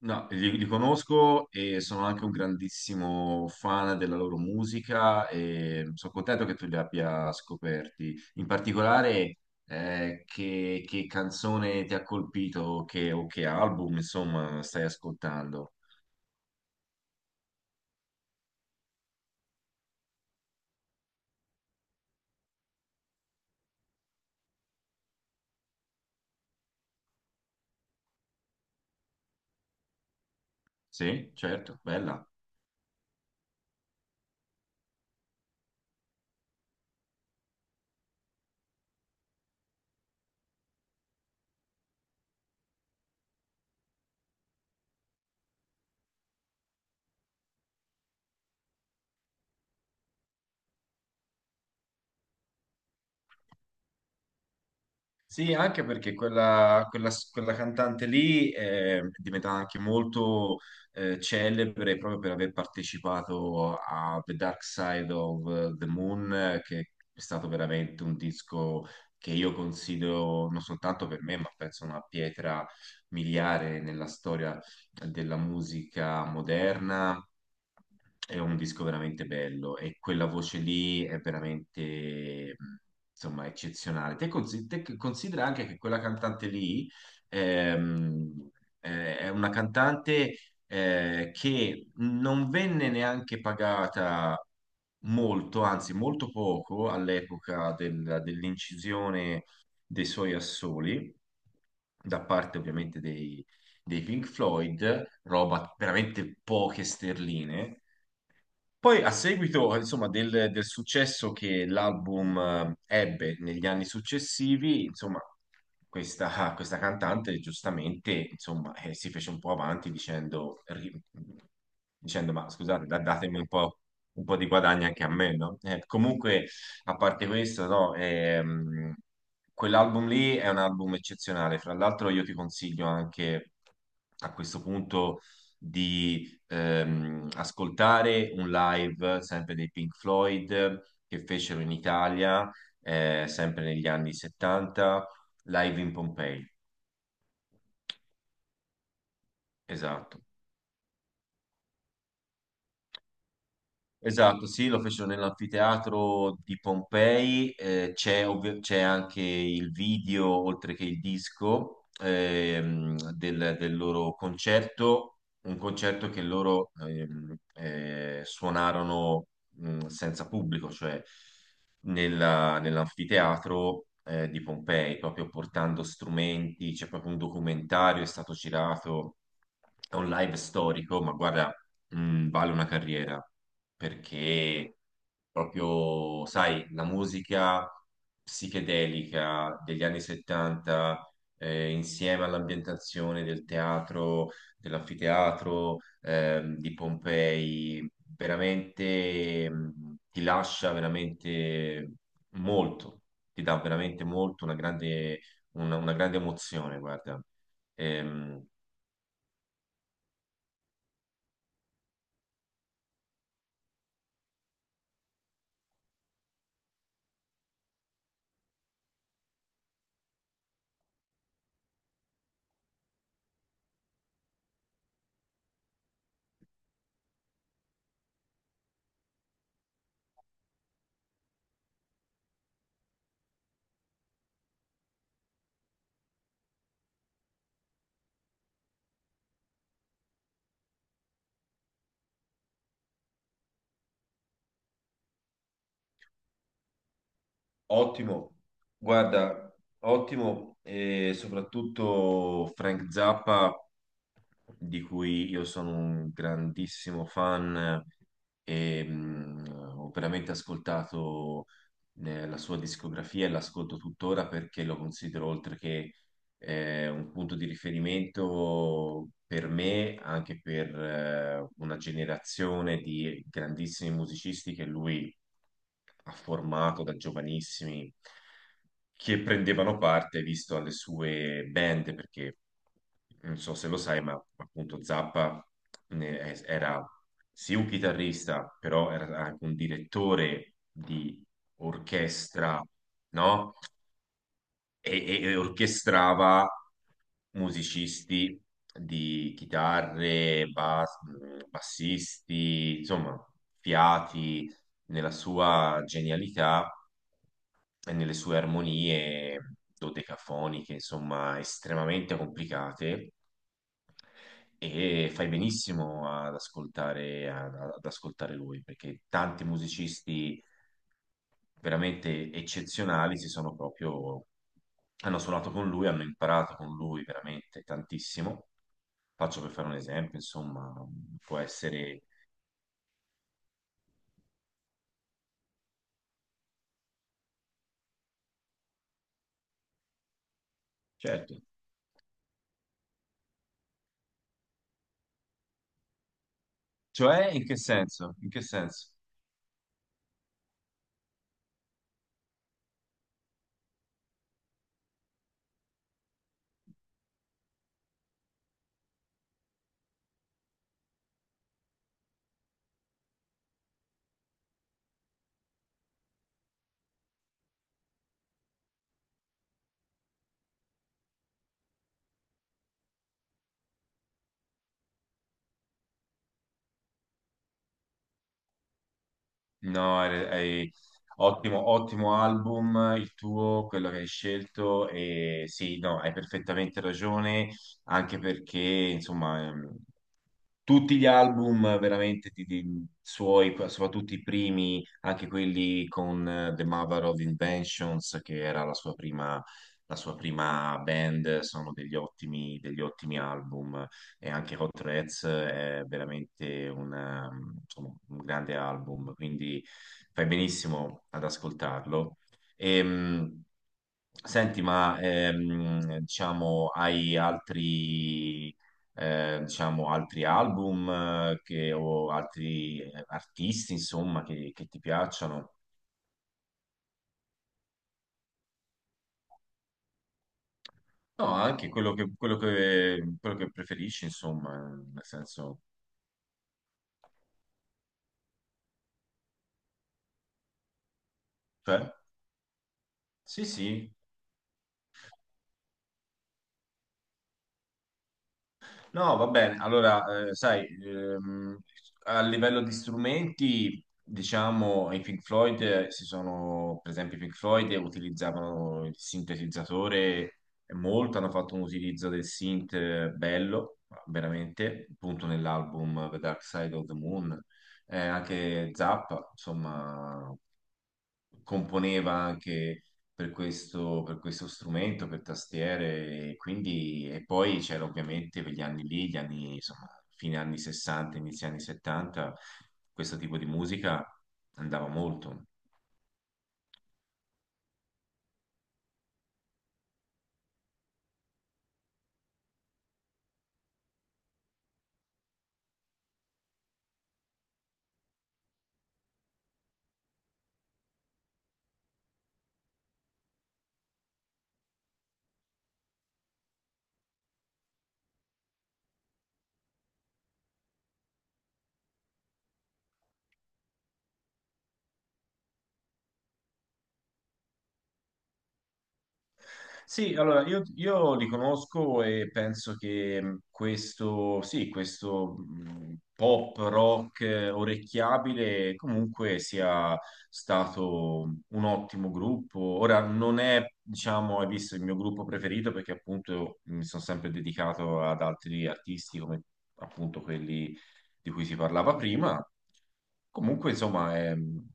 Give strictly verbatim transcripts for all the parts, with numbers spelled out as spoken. No, li, li conosco e sono anche un grandissimo fan della loro musica e sono contento che tu li abbia scoperti. In particolare, eh, che, che canzone ti ha colpito che- o che album, insomma, stai ascoltando? Sì, certo, bella. Sì, anche perché quella, quella- quella cantante lì eh, è diventata anche molto eh, celebre proprio per aver partecipato a The Dark Side of the Moon, eh, che è stato veramente un disco che io considero non soltanto per me, ma penso una pietra miliare nella storia della musica moderna. È un disco veramente bello e quella voce lì è veramente, insomma, eccezionale. Te, consi- te che considera anche che quella cantante lì ehm, eh, è una cantante eh, che non venne neanche pagata molto, anzi molto poco all'epoca del- dell'incisione dei suoi assoli, da parte ovviamente dei dei Pink Floyd, roba veramente poche sterline. Poi, a seguito, insomma, del, del successo che l'album eh, ebbe negli anni successivi, insomma, questa, questa cantante giustamente, insomma, eh, si fece un po' avanti dicendo, ri- dicendo, ma scusate, da- datemi un po', un po' di guadagno anche a me, no? Eh, comunque, a parte questo, no, ehm, quell'album lì è un album eccezionale. Fra l'altro, io ti consiglio anche a questo punto di ehm, ascoltare un live sempre dei Pink Floyd che fecero in Italia, eh, sempre negli anni settanta, Live in Pompei. Esatto. Esatto, sì, lo fecero nell'anfiteatro di Pompei, eh, c'è ovvi- c'è anche il video, oltre che il disco, ehm, del, del loro concerto, un concerto che loro ehm, eh, suonarono mh, senza pubblico, cioè nella- nell'anfiteatro eh, di Pompei, proprio portando strumenti. C'è proprio un documentario, è stato girato, è un live storico, ma guarda, mh, vale una carriera perché proprio, sai, la musica psichedelica degli anni settanta, eh, insieme all'ambientazione del teatro, dell'anfiteatro, ehm, di Pompei, veramente mh, ti lascia veramente molto, ti dà veramente molto, una grande, una, una grande emozione, guarda. Ehm, Ottimo, guarda, ottimo e soprattutto Frank Zappa, di cui io sono un grandissimo fan e mh, ho veramente ascoltato eh, la sua discografia e l'ascolto tuttora perché lo considero oltre che eh, un punto di riferimento per me, anche per eh, una generazione di grandissimi musicisti che lui ha formato da giovanissimi, che prendevano parte, visto alle sue band, perché non so se lo sai, ma appunto Zappa ne- è- era sì un chitarrista, però era anche un direttore di orchestra, no? e, e- e orchestrava musicisti di chitarre, bas- bassisti, insomma, fiati nella sua genialità e nelle sue armonie dodecafoniche, insomma, estremamente complicate. E fai benissimo ad ascoltare, ad ad ascoltare lui, perché tanti musicisti veramente eccezionali si sono proprio hanno suonato con lui, hanno imparato con lui veramente tantissimo. Faccio per fare un esempio, insomma, può essere certo. Cioè, in che senso? In che senso? No, è, è- ottimo, ottimo album il tuo, quello che hai scelto e sì, no, hai perfettamente ragione, anche perché, insomma, ehm, Tutti gli album veramente di- di- suoi, soprattutto i primi, anche quelli con eh, The Mother of Inventions, che era la sua prima, la sua prima band, sono degli ottimi, degli ottimi album. E anche Hot Rats è veramente un, ehm, insomma, un grande album, quindi fai benissimo ad ascoltarlo. Ehm, senti, ma ehm, diciamo, hai altri eh, diciamo, altri album eh, che- o altri eh, artisti, insomma, che, che ti piacciono. No, anche quello che, quello che, quello che preferisci, insomma, nel senso, cioè, sì, sì. No, va bene. Allora, eh, sai, ehm, a livello di strumenti, diciamo, i Pink Floyd eh, si sono, per esempio, i Pink Floyd utilizzavano il sintetizzatore molto, hanno fatto un utilizzo del synth eh, bello, veramente, appunto nell'album The Dark Side of the Moon. Eh, anche Zappa, insomma, componeva anche per questo, per questo strumento, per tastiere, e quindi, e poi c'era ovviamente per gli anni lì, gli anni, insomma, fine anni sessanta, inizio anni settanta, questo tipo di musica andava molto. Sì, allora io, io li conosco e penso che mh, questo, sì, questo mh, pop rock eh, orecchiabile comunque sia stato un ottimo gruppo. Ora non è, diciamo, hai visto il mio gruppo preferito perché appunto mi sono sempre dedicato ad altri artisti come appunto quelli di cui si parlava prima. Comunque, insomma, ehm,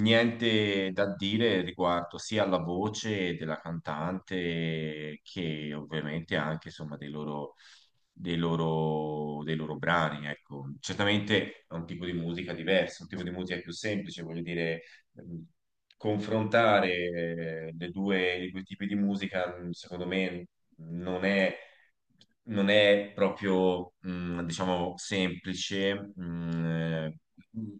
niente da dire riguardo sia alla voce della cantante che ovviamente anche, insomma, dei loro, dei loro, dei loro brani, ecco. Certamente è un tipo di musica diverso, un tipo di musica più semplice, voglio dire, ehm, confrontare eh, le due, i due tipi di musica, mm, secondo me, non è non è proprio, mh, diciamo, semplice. mh, eh,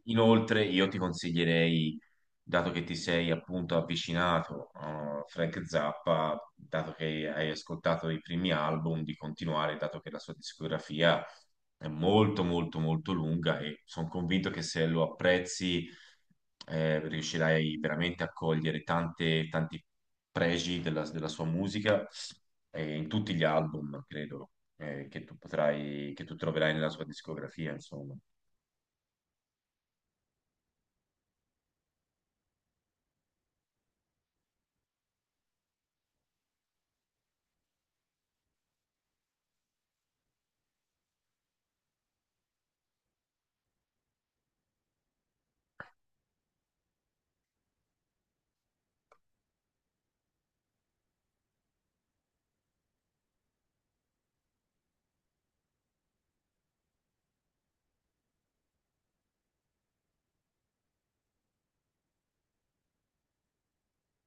inoltre, io ti consiglierei, dato che ti sei appunto avvicinato a Frank Zappa, dato che hai ascoltato i primi album, di continuare, dato che la sua discografia è molto, molto, molto lunga e sono convinto che se lo apprezzi, eh, riuscirai veramente a cogliere tante, tanti pregi della della sua musica eh, in tutti gli album, credo, eh, che tu potrai, che tu troverai nella sua discografia, insomma.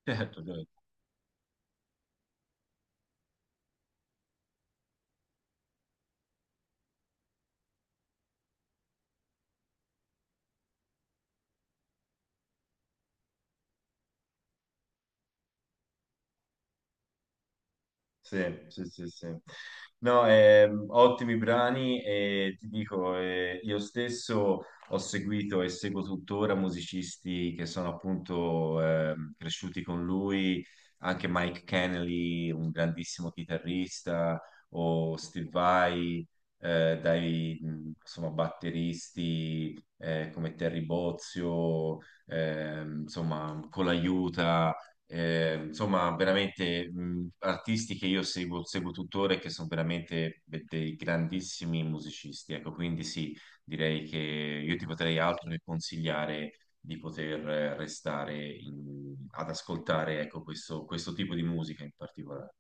Certo, certo. Sì, sì, sì, sì. No, ehm, ottimi brani e ti dico, eh, io stesso ho seguito e seguo tuttora musicisti che sono appunto ehm, cresciuti con lui, anche Mike Kennedy, un grandissimo chitarrista, o Steve Vai, eh, dai mh, insomma, batteristi eh, come Terry Bozzio, ehm, insomma, con l'aiuta. Eh, insomma, veramente mh, artisti che io seguo, seguo tuttora e che sono veramente de- dei grandissimi musicisti. Ecco, quindi sì, direi che io ti potrei altro che consigliare di poter eh, restare in- ad ascoltare, ecco, questo questo tipo di musica in particolare.